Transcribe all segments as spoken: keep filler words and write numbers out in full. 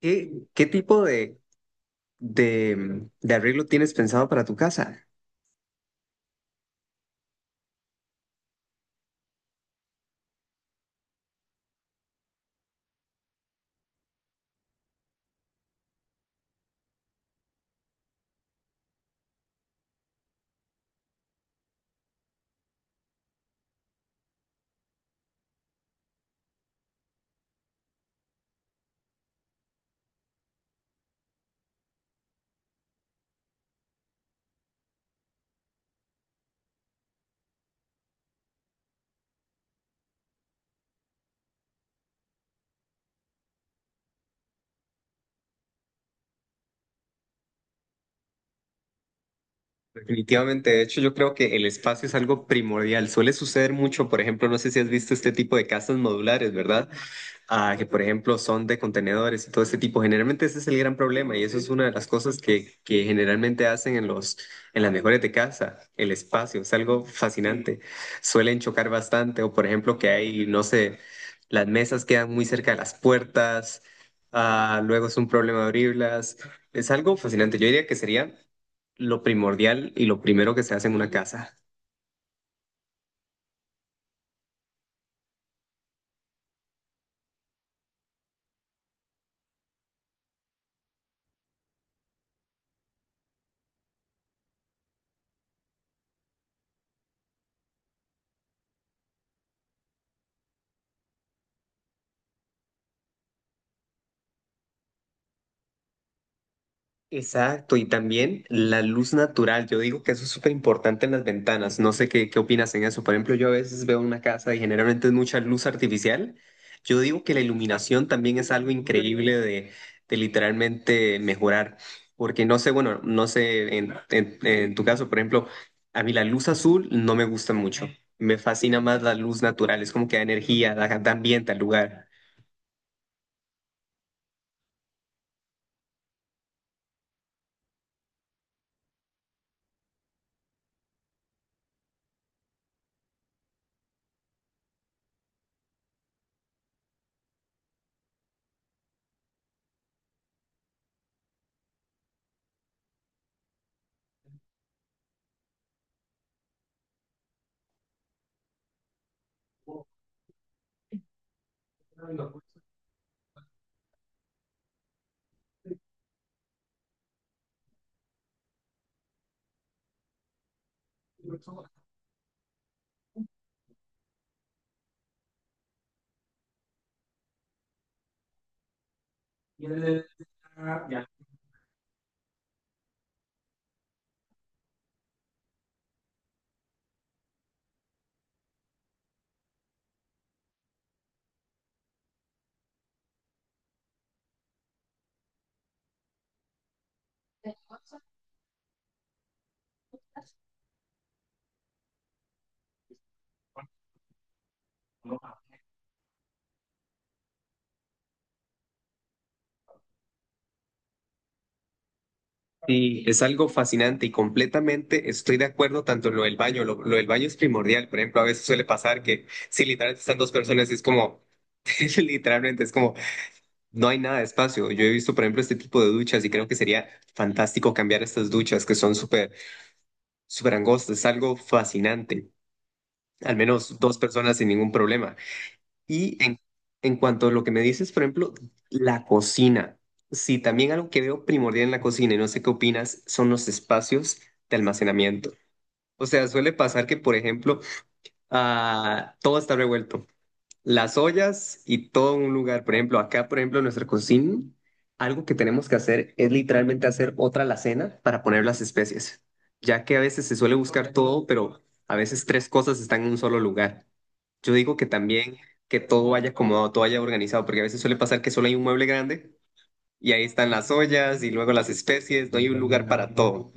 ¿Qué, qué tipo de, de, de arreglo tienes pensado para tu casa? Definitivamente, de hecho, yo creo que el espacio es algo primordial. Suele suceder mucho, por ejemplo, no sé si has visto este tipo de casas modulares, ¿verdad? Ah, que por ejemplo son de contenedores y todo ese tipo. Generalmente ese es el gran problema y eso es una de las cosas que, que generalmente hacen en los, en las mejores de casa, el espacio, es algo fascinante. Suelen chocar bastante o por ejemplo que hay, no sé, las mesas quedan muy cerca de las puertas, ah, luego es un problema abrirlas. Es algo fascinante. Yo diría que sería lo primordial y lo primero que se hace en una casa. Exacto, y también la luz natural. Yo digo que eso es súper importante en las ventanas. No sé qué, qué opinas en eso. Por ejemplo, yo a veces veo una casa y generalmente es mucha luz artificial. Yo digo que la iluminación también es algo increíble de, de literalmente mejorar. Porque no sé, bueno, no sé, en, en- en tu caso, por ejemplo, a mí la luz azul no me gusta mucho. Me fascina más la luz natural. Es como que da energía, da, da ambiente al lugar. Sí, es algo fascinante y completamente estoy de acuerdo tanto en lo del baño, lo, lo del baño es primordial, por ejemplo, a veces suele pasar que si literalmente están dos personas es como, literalmente es como, no hay nada de espacio. Yo he visto, por ejemplo, este tipo de duchas y creo que sería fantástico cambiar estas duchas que son súper, súper angostas, es algo fascinante, al menos dos personas sin ningún problema. Y en, en cuanto a lo que me dices, por ejemplo, la cocina. Sí, también algo que veo primordial en la cocina, y no sé qué opinas, son los espacios de almacenamiento. O sea, suele pasar que, por ejemplo, ah, todo está revuelto las ollas y todo un lugar. Por ejemplo, acá, por ejemplo, en nuestra cocina, algo que tenemos que hacer es literalmente hacer otra alacena para poner las especies, ya que a veces se suele buscar todo, pero a veces tres cosas están en un solo lugar. Yo digo que también que todo vaya acomodado, todo vaya organizado, porque a veces suele pasar que solo hay un mueble grande y ahí están las ollas y luego las especies, no hay un lugar para todo.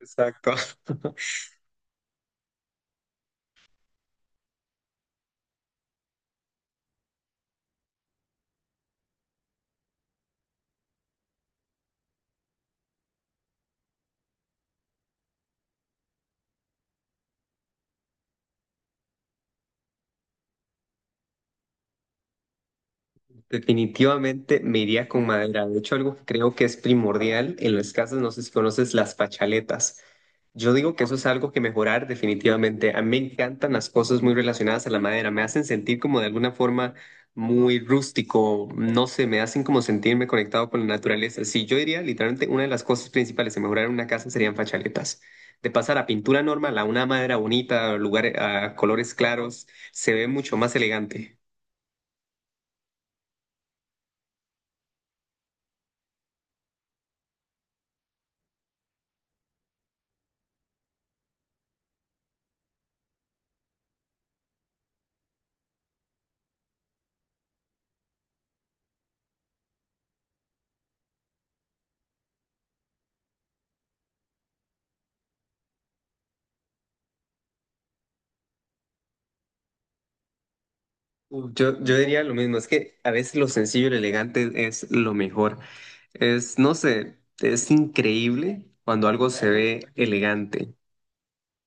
Exacto. Definitivamente me iría con madera. De hecho, algo que creo que es primordial en las casas, no sé si conoces las fachaletas. Yo digo que eso es algo que mejorar definitivamente. A mí me encantan las cosas muy relacionadas a la madera. Me hacen sentir como de alguna forma muy rústico. No sé, me hacen como sentirme conectado con la naturaleza. Sí, yo diría literalmente una de las cosas principales en mejorar una casa serían fachaletas. De pasar a pintura normal a una madera bonita, lugar, a colores claros, se ve mucho más elegante. Uh, Yo, yo diría lo mismo, es que a veces lo sencillo y lo elegante es lo mejor. Es, no sé, es increíble cuando algo se ve elegante.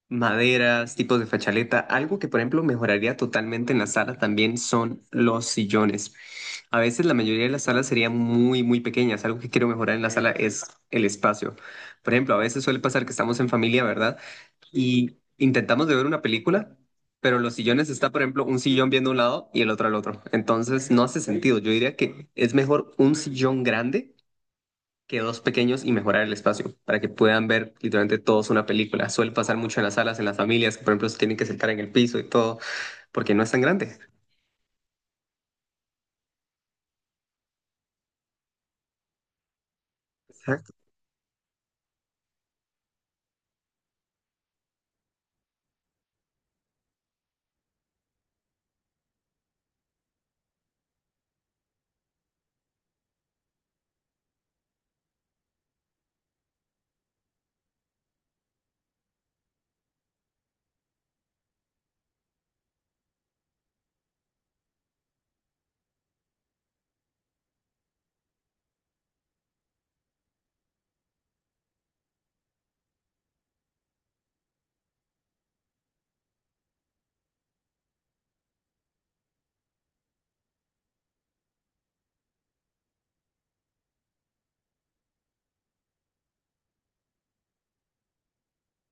Maderas, tipos de fachaleta, algo que por ejemplo mejoraría totalmente en la sala también son los sillones. A veces la mayoría de las salas serían muy, muy pequeñas. Algo que quiero mejorar en la sala es el espacio. Por ejemplo, a veces suele pasar que estamos en familia, ¿verdad? Y intentamos de ver una película, pero en los sillones está, por ejemplo, un sillón viendo un lado y el otro al otro. Entonces no hace sentido. Yo diría que es mejor un sillón grande que dos pequeños y mejorar el espacio para que puedan ver literalmente todos una película. Suele pasar mucho en las salas, en las familias, que por ejemplo se tienen que sentar en el piso y todo, porque no es tan grande.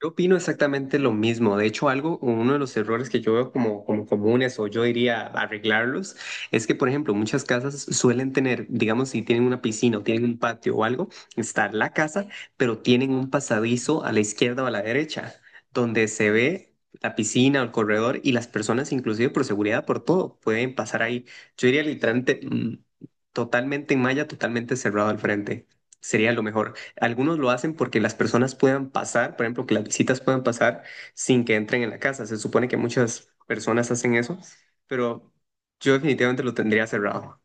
Yo opino exactamente lo mismo. De hecho, algo, uno de los errores que yo veo como, como comunes o yo diría arreglarlos, es que, por ejemplo, muchas casas suelen tener, digamos, si tienen una piscina o tienen un patio o algo, está la casa, pero tienen un pasadizo a la izquierda o a la derecha, donde se ve la piscina o el corredor y las personas, inclusive por seguridad, por todo, pueden pasar ahí. Yo diría literalmente, mm, totalmente en malla, totalmente cerrado al frente. Sería lo mejor. Algunos lo hacen porque las personas puedan pasar, por ejemplo, que las visitas puedan pasar sin que entren en la casa. Se supone que muchas personas hacen eso, pero yo definitivamente lo tendría cerrado.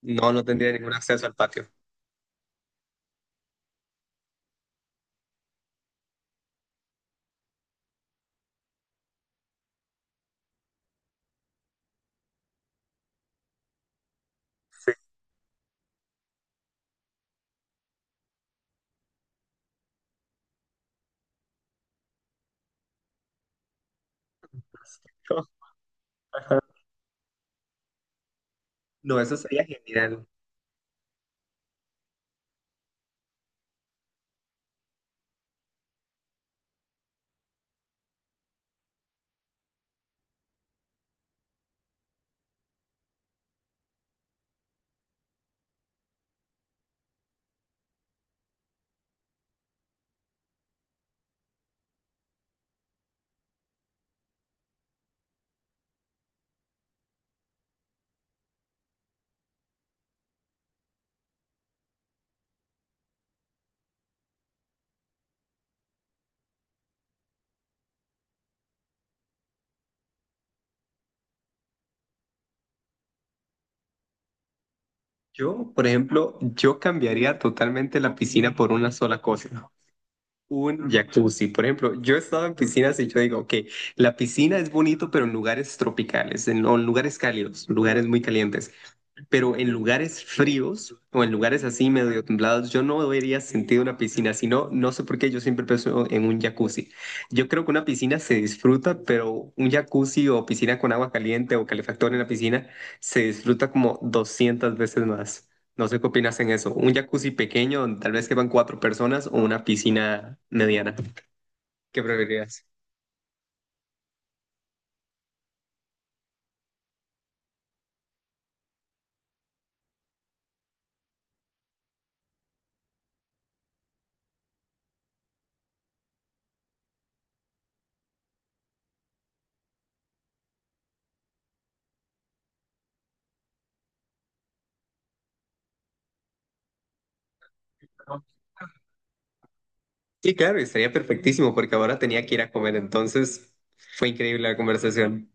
No, no tendría ningún acceso al patio. Sí. No, eso sería genial. Yo, por ejemplo, yo cambiaría totalmente la piscina por una sola cosa. Un jacuzzi, por ejemplo, yo he estado en piscinas y yo digo, que la piscina es bonito, pero en lugares tropicales, en, o en lugares cálidos, lugares muy calientes. Pero en lugares fríos o en lugares así medio templados, yo no debería sentir una piscina, sino no no sé por qué yo siempre pienso en un jacuzzi. Yo creo que una piscina se disfruta, pero un jacuzzi o piscina con agua caliente o calefactor en la piscina se disfruta como doscientas veces más. No sé qué opinas en eso. Un jacuzzi pequeño, donde tal vez quepan cuatro personas, o una piscina mediana. ¿Qué preferirías? Sí, claro, estaría perfectísimo porque ahora tenía que ir a comer, entonces fue increíble la conversación.